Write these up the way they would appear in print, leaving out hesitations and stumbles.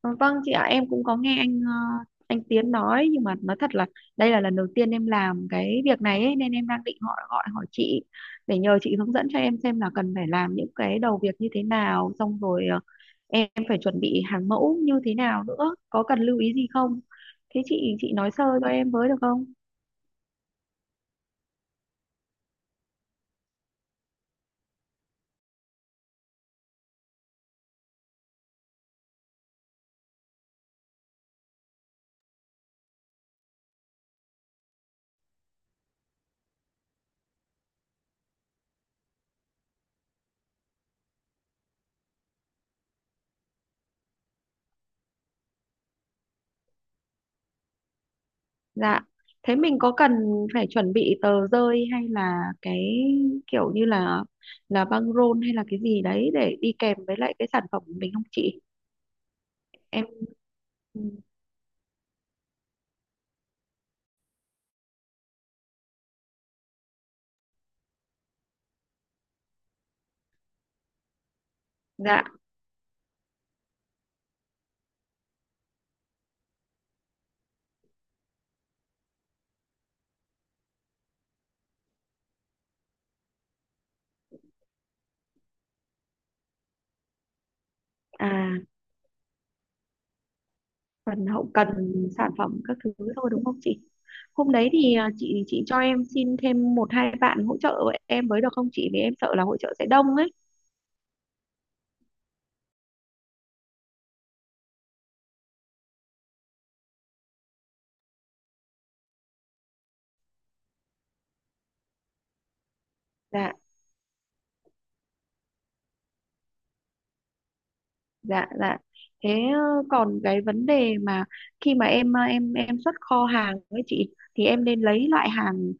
Ờ, Vâng chị ạ, em cũng có nghe anh Tiến nói, nhưng mà nói thật là đây là lần đầu tiên em làm cái việc này ấy, nên em đang định gọi gọi hỏi chị để nhờ chị hướng dẫn cho em xem là cần phải làm những cái đầu việc như thế nào, xong rồi em phải chuẩn bị hàng mẫu như thế nào nữa, có cần lưu ý gì không? Thế chị nói sơ cho em với được không? Dạ. Thế mình có cần phải chuẩn bị tờ rơi hay là cái kiểu như là băng rôn hay là cái gì đấy để đi kèm với lại cái sản phẩm của mình không chị? Em. Ừ, dạ, à, phần hậu cần sản phẩm các thứ thôi, đúng không chị? Hôm đấy thì chị cho em xin thêm một hai bạn hỗ trợ em với được không chị, vì em sợ là hỗ trợ sẽ đông ấy. Dạ, dạ, dạ. Thế còn cái vấn đề mà khi mà em xuất kho hàng với chị thì em nên lấy loại hàng,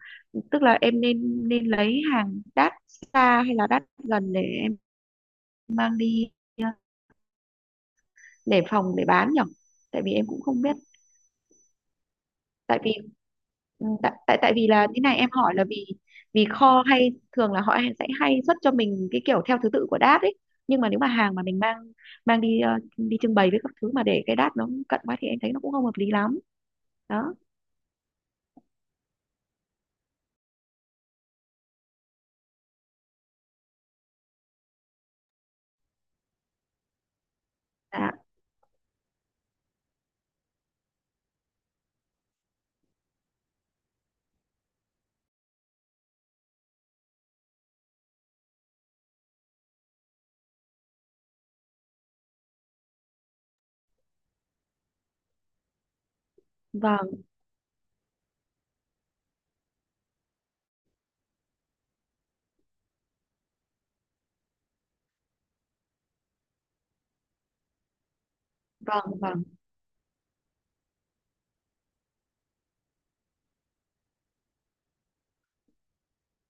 tức là em nên nên lấy hàng đắt xa hay là đắt gần để em mang đi ờ, để phòng để bán nhỉ, tại vì em cũng không biết. Tại vì ừ, tại tại tại vì là thế này, em hỏi là vì vì kho hay thường là họ sẽ hay xuất cho mình cái kiểu theo thứ tự của đát ấy, nhưng mà nếu mà hàng mà mình mang mang đi đi trưng bày với các thứ mà để cái đát nó cận quá thì em thấy nó cũng không hợp lý lắm đó. Dạ, vâng, vâng, vâng.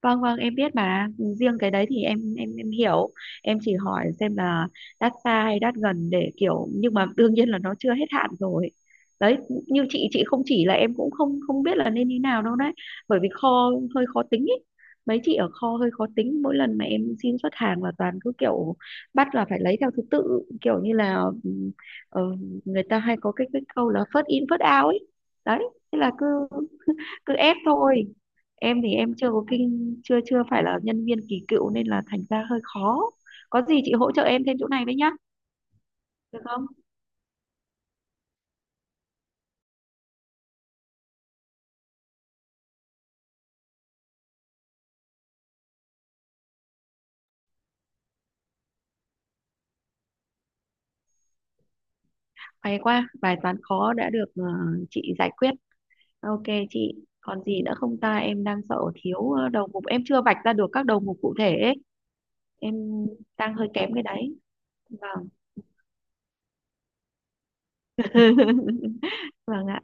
Vâng, vâng, em biết mà. Riêng cái đấy thì em hiểu, em chỉ hỏi xem là đắt xa hay đắt gần để kiểu, nhưng mà đương nhiên là nó chưa hết hạn rồi, đấy. Như chị không chỉ là em cũng không không biết là nên như nào đâu đấy, bởi vì kho hơi khó tính ý. Mấy chị ở kho hơi khó tính, mỗi lần mà em xin xuất hàng là toàn cứ kiểu bắt là phải lấy theo thứ tự, kiểu như là ừ, ờ, người ta hay có cái câu là first in first out ấy, đấy, thế là cứ cứ ép thôi. Em thì em chưa có kinh chưa chưa phải là nhân viên kỳ cựu, nên là thành ra hơi khó, có gì chị hỗ trợ em thêm chỗ này với nhá, được không? Hay quá, bài toán khó đã được chị giải quyết. Ok chị, còn gì nữa không ta, em đang sợ thiếu đầu mục, em chưa vạch ra được các đầu mục cụ thể ấy. Em đang hơi kém cái đấy. Vâng. Vâng ạ.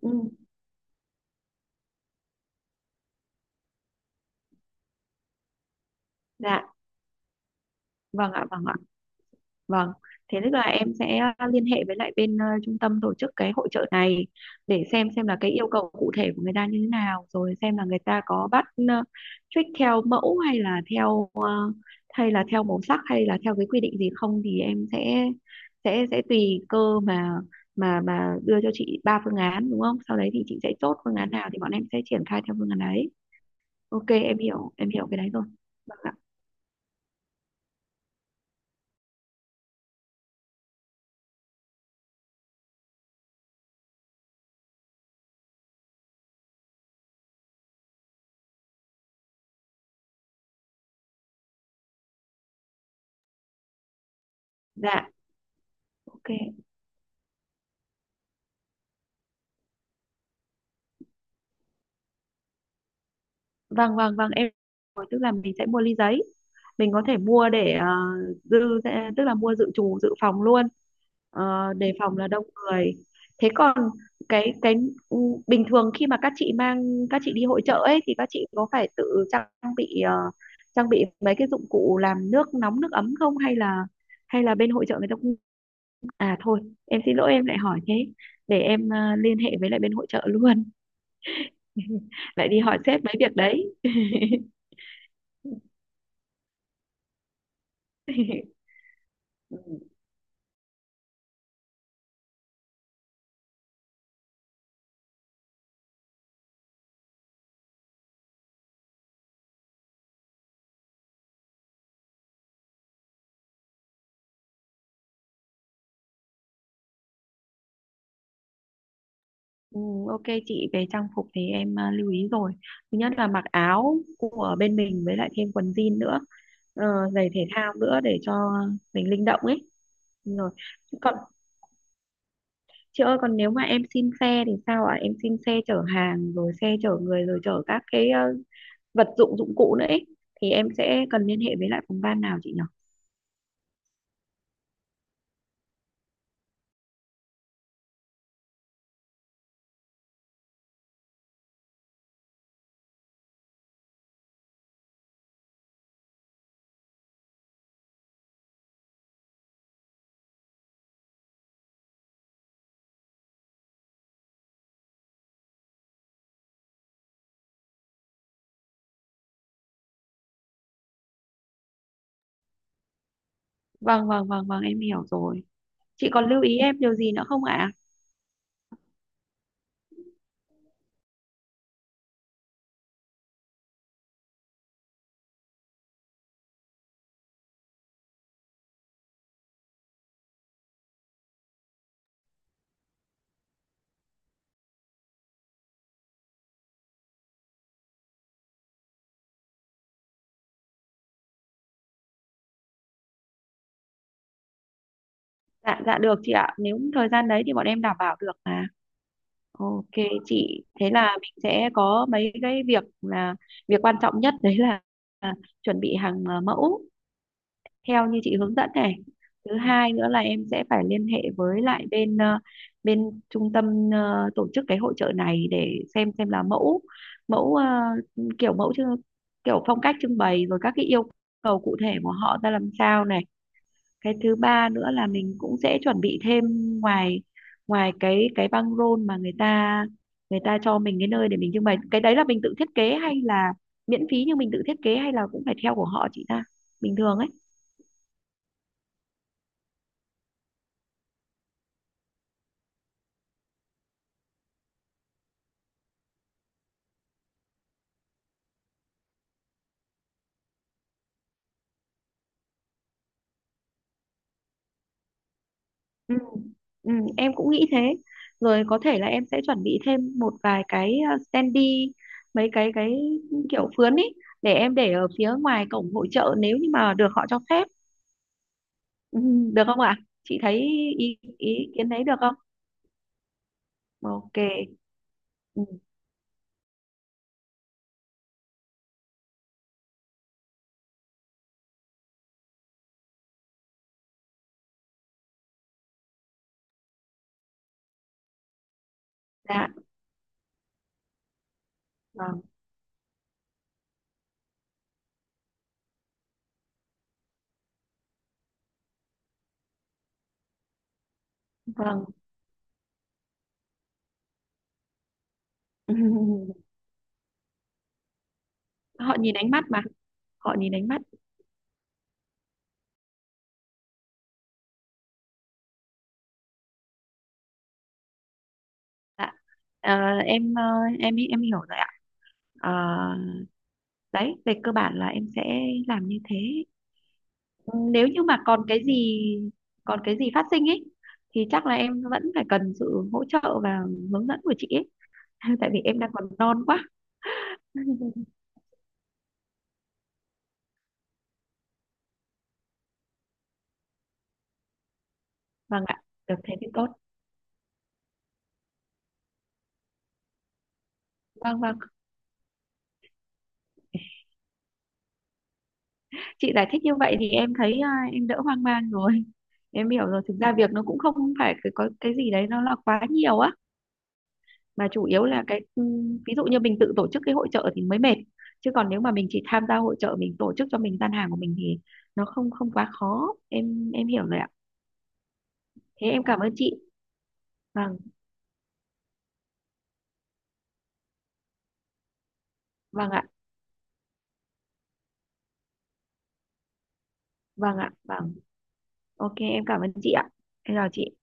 Ừ, dạ. Vâng ạ. Vâng ạ. Vâng, thế tức là em sẽ liên hệ với lại bên trung tâm tổ chức cái hội chợ này để xem là cái yêu cầu cụ thể của người ta như thế nào, rồi xem là người ta có bắt trích theo mẫu hay là hay là theo màu sắc hay là theo cái quy định gì không, thì em sẽ tùy cơ mà đưa cho chị ba phương án, đúng không? Sau đấy thì chị sẽ chốt phương án nào thì bọn em sẽ triển khai theo phương án ấy. Ok, em hiểu cái đấy rồi. Vâng ạ. Dạ, ok. Vâng, vâng, vâng, em. Rồi, tức là mình sẽ mua ly giấy, mình có thể mua để dự tức là mua dự trù dự phòng luôn. Ờ, đề phòng là đông người. Thế còn cái ừ, bình thường khi mà các chị mang các chị đi hội chợ ấy thì các chị có phải tự bị ờ, trang bị mấy cái dụng cụ làm nước nóng nước ấm không, hay là bên hội chợ người ta cũng, à thôi, em xin lỗi, em lại hỏi thế, để em liên hệ với lại bên hội chợ luôn. Lại đi hỏi sếp mấy việc đấy. Ừ, ừ, ok chị, về trang phục thì em lưu ý rồi, thứ nhất là mặc áo của bên mình với lại thêm quần jean nữa, ờ, giày thể thao nữa để cho mình linh động ấy. Rồi còn chị ơi, còn nếu mà em xin xe thì sao ạ, em xin xe chở hàng rồi xe chở người rồi chở các cái vật dụng dụng cụ nữa ấy thì em sẽ cần liên hệ với lại phòng ban nào chị nhỉ? Vâng, vâng, vâng, vâng, em hiểu rồi. Chị còn lưu ý em điều gì nữa không ạ? Dạ, dạ, được chị ạ, nếu thời gian đấy thì bọn em đảm bảo được mà. Ok chị, thế là mình sẽ có mấy cái việc là, việc quan trọng nhất đấy là chuẩn bị hàng mẫu theo như chị hướng dẫn này. Thứ hai nữa là em sẽ phải liên hệ với lại bên bên trung tâm tổ chức cái hội chợ này để xem là mẫu mẫu kiểu mẫu chứ kiểu phong cách trưng bày rồi các cái yêu cầu cụ thể của họ ra làm sao này. Cái thứ ba nữa là mình cũng sẽ chuẩn bị thêm ngoài ngoài cái băng rôn mà người ta cho mình cái nơi để mình trưng bày, cái đấy là mình tự thiết kế hay là miễn phí nhưng mình tự thiết kế hay là cũng phải theo của họ chị ta bình thường ấy. Ừ. Ừ, em cũng nghĩ thế, rồi có thể là em sẽ chuẩn bị thêm một vài cái standee, mấy cái kiểu phướn ấy để em để ở phía ngoài cổng hội chợ nếu như mà được họ cho phép. Ừ, được không ạ? Chị thấy ý kiến đấy được không? Ok. Ừm, dạ, vâng, vâng. Họ nhìn ánh mắt mà, họ nhìn ánh mắt. Dạ. Ờ, em ờ, em hiểu rồi ạ. Ờ, đấy, về cơ bản là em sẽ làm như thế. Ừ, nếu như mà còn cái gì phát sinh ấy thì chắc là em vẫn phải cần sự hỗ trợ và hướng dẫn của chị ấy, tại vì em đang còn non quá. Vâng ạ, được thế thì tốt. Vâng, vâng. Chị giải thích như vậy thì em thấy em đỡ hoang mang rồi em hiểu rồi, thực ra việc nó cũng không phải cái có cái gì đấy nó là quá nhiều á, mà chủ yếu là cái ví dụ như mình tự tổ chức cái hội chợ thì mới mệt, chứ còn nếu mà mình chỉ tham gia hội chợ mình tổ chức cho mình gian hàng của mình thì nó không không quá khó, em hiểu rồi ạ. Thế em cảm ơn chị. Vâng, vâng ạ. Vâng ạ. Vâng. Ok, em cảm ơn chị ạ, em chào chị.